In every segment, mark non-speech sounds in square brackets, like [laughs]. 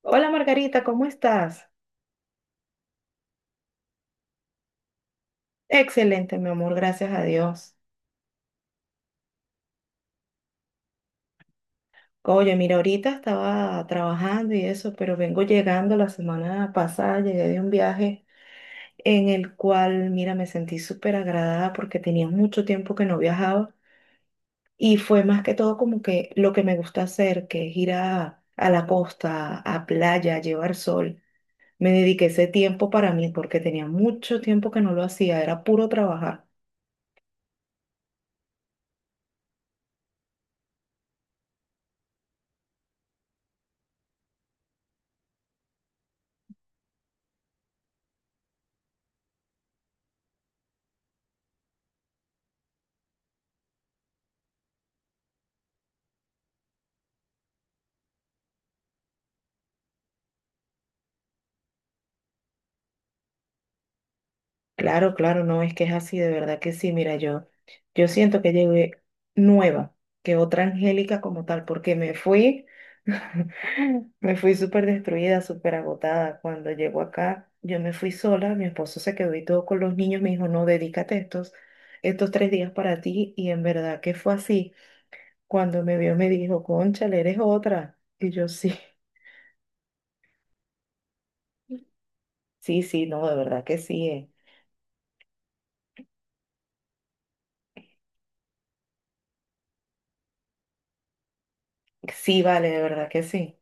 Hola Margarita, ¿cómo estás? Excelente, mi amor, gracias a Dios. Oye, mira, ahorita estaba trabajando y eso, pero vengo llegando la semana pasada, llegué de un viaje en el cual, mira, me sentí súper agradada porque tenía mucho tiempo que no viajaba y fue más que todo como que lo que me gusta hacer, que es ir a la costa, a playa, a llevar sol. Me dediqué ese tiempo para mí porque tenía mucho tiempo que no lo hacía, era puro trabajar. Claro, claro, no, es que es así, de verdad que sí, mira, yo siento que llegué nueva, que otra Angélica como tal, porque me fui, [laughs] me fui súper destruida, súper agotada. Cuando llego acá, yo me fui sola, mi esposo se quedó y todo con los niños, me dijo, no, dedícate estos 3 días para ti, y en verdad que fue así. Cuando me vio me dijo, cónchale, eres otra, y yo sí, sí, sí, no, de verdad que sí, sí, vale, de verdad que sí.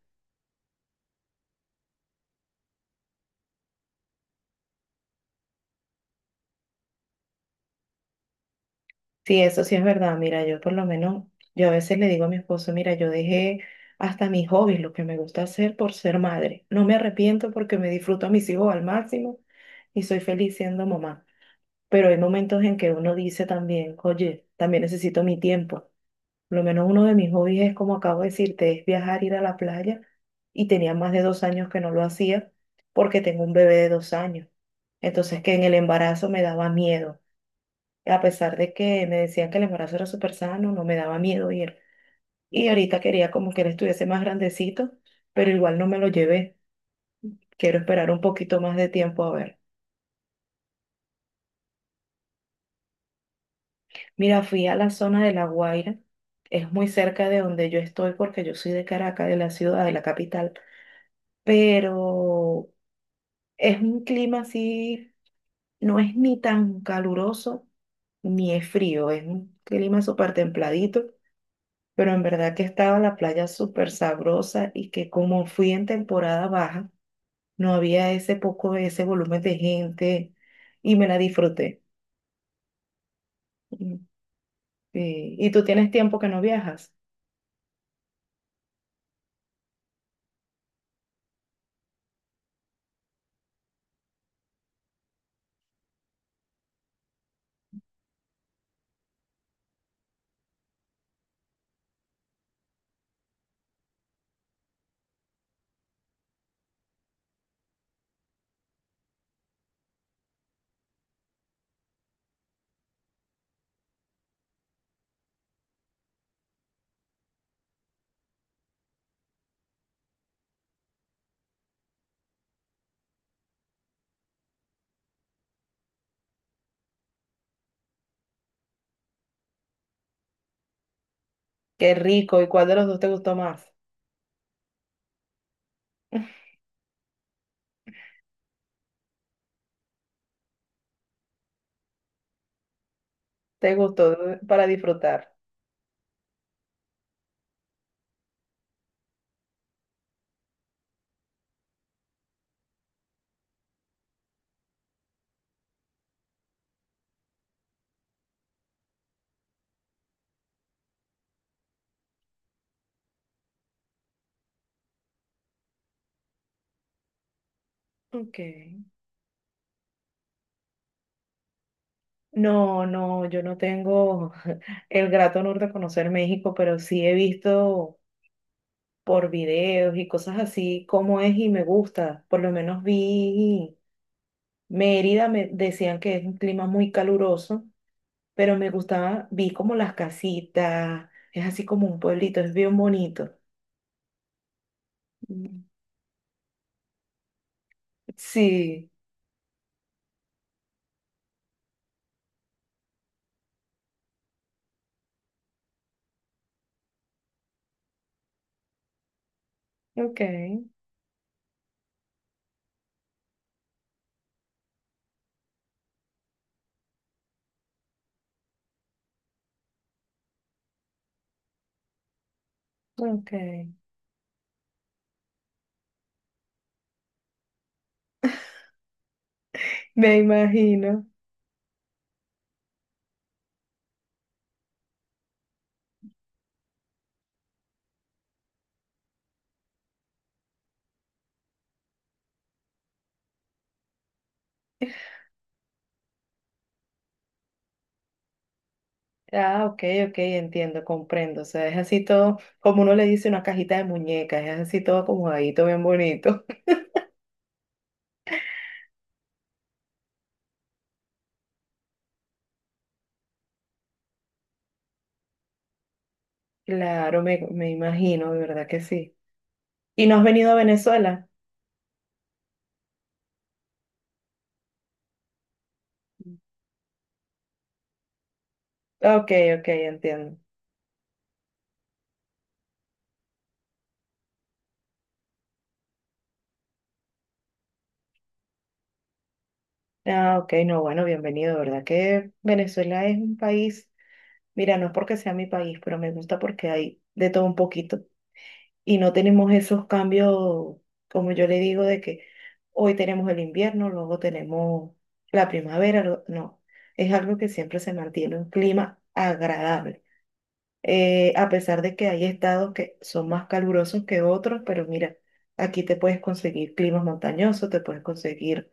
Sí, eso sí es verdad. Mira, yo por lo menos, yo a veces le digo a mi esposo, mira, yo dejé hasta mis hobbies, lo que me gusta hacer por ser madre. No me arrepiento porque me disfruto a mis hijos al máximo y soy feliz siendo mamá. Pero hay momentos en que uno dice también, oye, también necesito mi tiempo. Por lo menos uno de mis hobbies es, como acabo de decirte, es viajar, ir a la playa. Y tenía más de 2 años que no lo hacía porque tengo un bebé de 2 años. Entonces, que en el embarazo me daba miedo a pesar de que me decían que el embarazo era súper sano, no me daba miedo ir. Y ahorita quería como que él estuviese más grandecito, pero igual no me lo llevé. Quiero esperar un poquito más de tiempo a ver. Mira, fui a la zona de La Guaira. Es muy cerca de donde yo estoy porque yo soy de Caracas, de la ciudad, de la capital. Pero es un clima así, no es ni tan caluroso ni es frío. Es un clima súper templadito, pero en verdad que estaba la playa súper sabrosa y, que como fui en temporada baja, no había ese poco, ese volumen de gente y me la disfruté. Mm. ¿Y tú tienes tiempo que no viajas? Qué rico. ¿Y cuál de los dos te gustó más? ¿Te gustó para disfrutar? Ok. No, no, yo no tengo [laughs] el grato honor de conocer México, pero sí he visto por videos y cosas así cómo es y me gusta. Por lo menos vi Mérida, me decían que es un clima muy caluroso, pero me gustaba, vi como las casitas, es así como un pueblito, es bien bonito. Mm. Sí, ok, ok. Me imagino. Ah, ok, ok, entiendo, comprendo. O sea, es así todo, como uno le dice, una cajita de muñecas, es así todo acomodadito, bien bonito. [laughs] Claro, me imagino, de verdad que sí. ¿Y no has venido a Venezuela? Ok, ok, entiendo. Ah, ok, no, bueno, bienvenido, de verdad que Venezuela es un país, mira, no es porque sea mi país, pero me gusta porque hay de todo un poquito. Y no tenemos esos cambios, como yo le digo, de que hoy tenemos el invierno, luego tenemos la primavera, no, es algo que siempre se mantiene un clima agradable. A pesar de que hay estados que son más calurosos que otros, pero mira, aquí te puedes conseguir climas montañosos, te puedes conseguir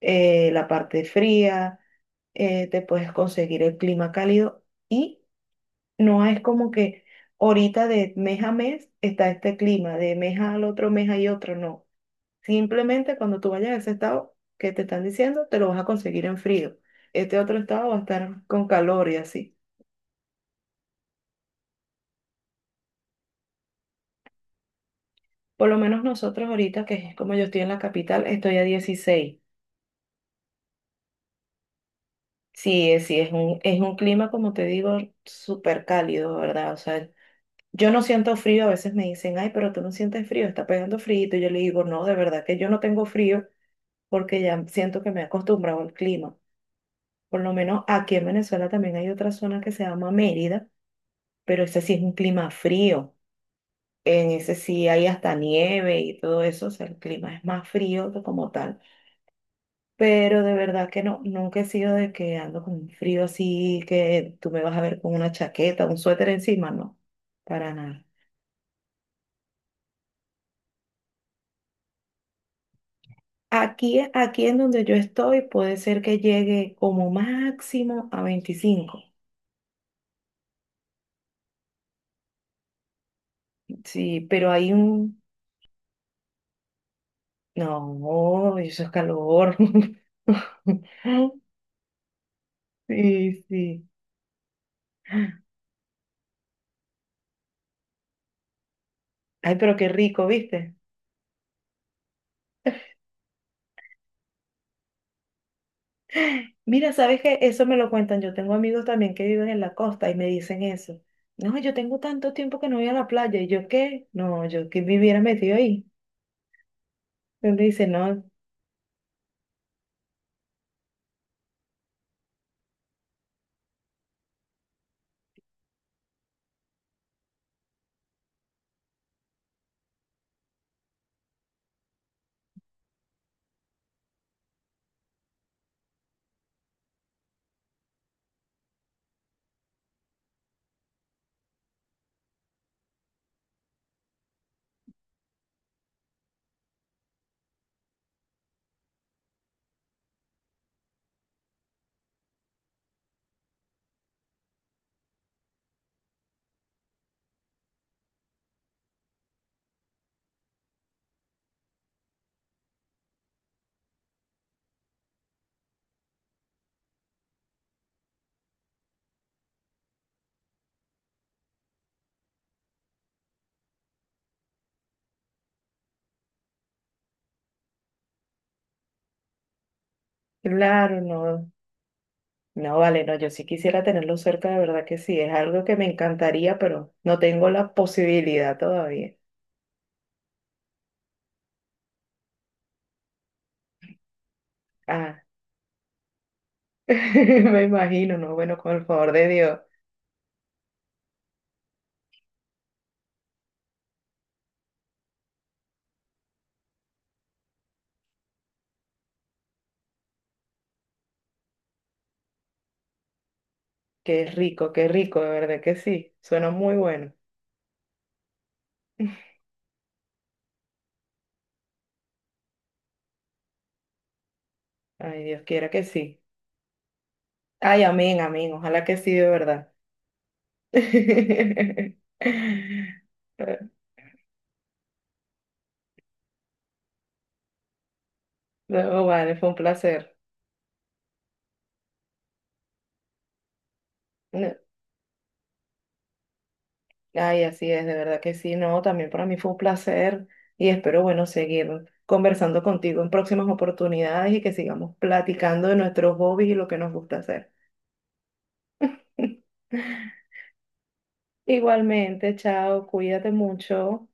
la parte fría, te puedes conseguir el clima cálido. Y no es como que ahorita de mes a mes está este clima, de mes al otro mes hay otro, no. Simplemente cuando tú vayas a ese estado que te están diciendo, te lo vas a conseguir en frío. Este otro estado va a estar con calor y así. Por lo menos nosotros ahorita, que es como yo estoy en la capital, estoy a 16. Sí, sí, es un, clima, como te digo, súper cálido, ¿verdad? O sea, yo no siento frío, a veces me dicen, ay, pero tú no sientes frío, está pegando frío. Y yo le digo, no, de verdad que yo no tengo frío, porque ya siento que me he acostumbrado al clima. Por lo menos aquí en Venezuela también hay otra zona que se llama Mérida, pero ese sí es un clima frío. En ese sí hay hasta nieve y todo eso, o sea, el clima es más frío que como tal. Pero de verdad que no, nunca he sido de que ando con un frío así, que tú me vas a ver con una chaqueta, un suéter encima, no, para nada. Aquí en donde yo estoy puede ser que llegue como máximo a 25, sí, pero hay un, no, eso es calor. [laughs] Sí, sí. Ay, pero qué rico, ¿viste? Mira, ¿sabes qué? Eso me lo cuentan. Yo tengo amigos también que viven en la costa y me dicen eso. No, yo tengo tanto tiempo que no voy a la playa. ¿Y yo qué? No, yo que viviera metido ahí. Y me dice, no, claro, no. No, vale, no, yo sí quisiera tenerlo cerca, de verdad que sí. Es algo que me encantaría, pero no tengo la posibilidad todavía. Ah, [laughs] me imagino, no, bueno, con el favor de Dios. Qué rico, de verdad que sí. Suena muy bueno. Ay, Dios quiera que sí. Ay, amén, amén. Ojalá que sí, de verdad. [laughs] No, vale, fue un placer. No, ay, así es, de verdad que sí. No, también para mí fue un placer y espero, bueno, seguir conversando contigo en próximas oportunidades y que sigamos platicando de nuestros hobbies y lo que nos gusta hacer. [laughs] Igualmente, chao, cuídate mucho.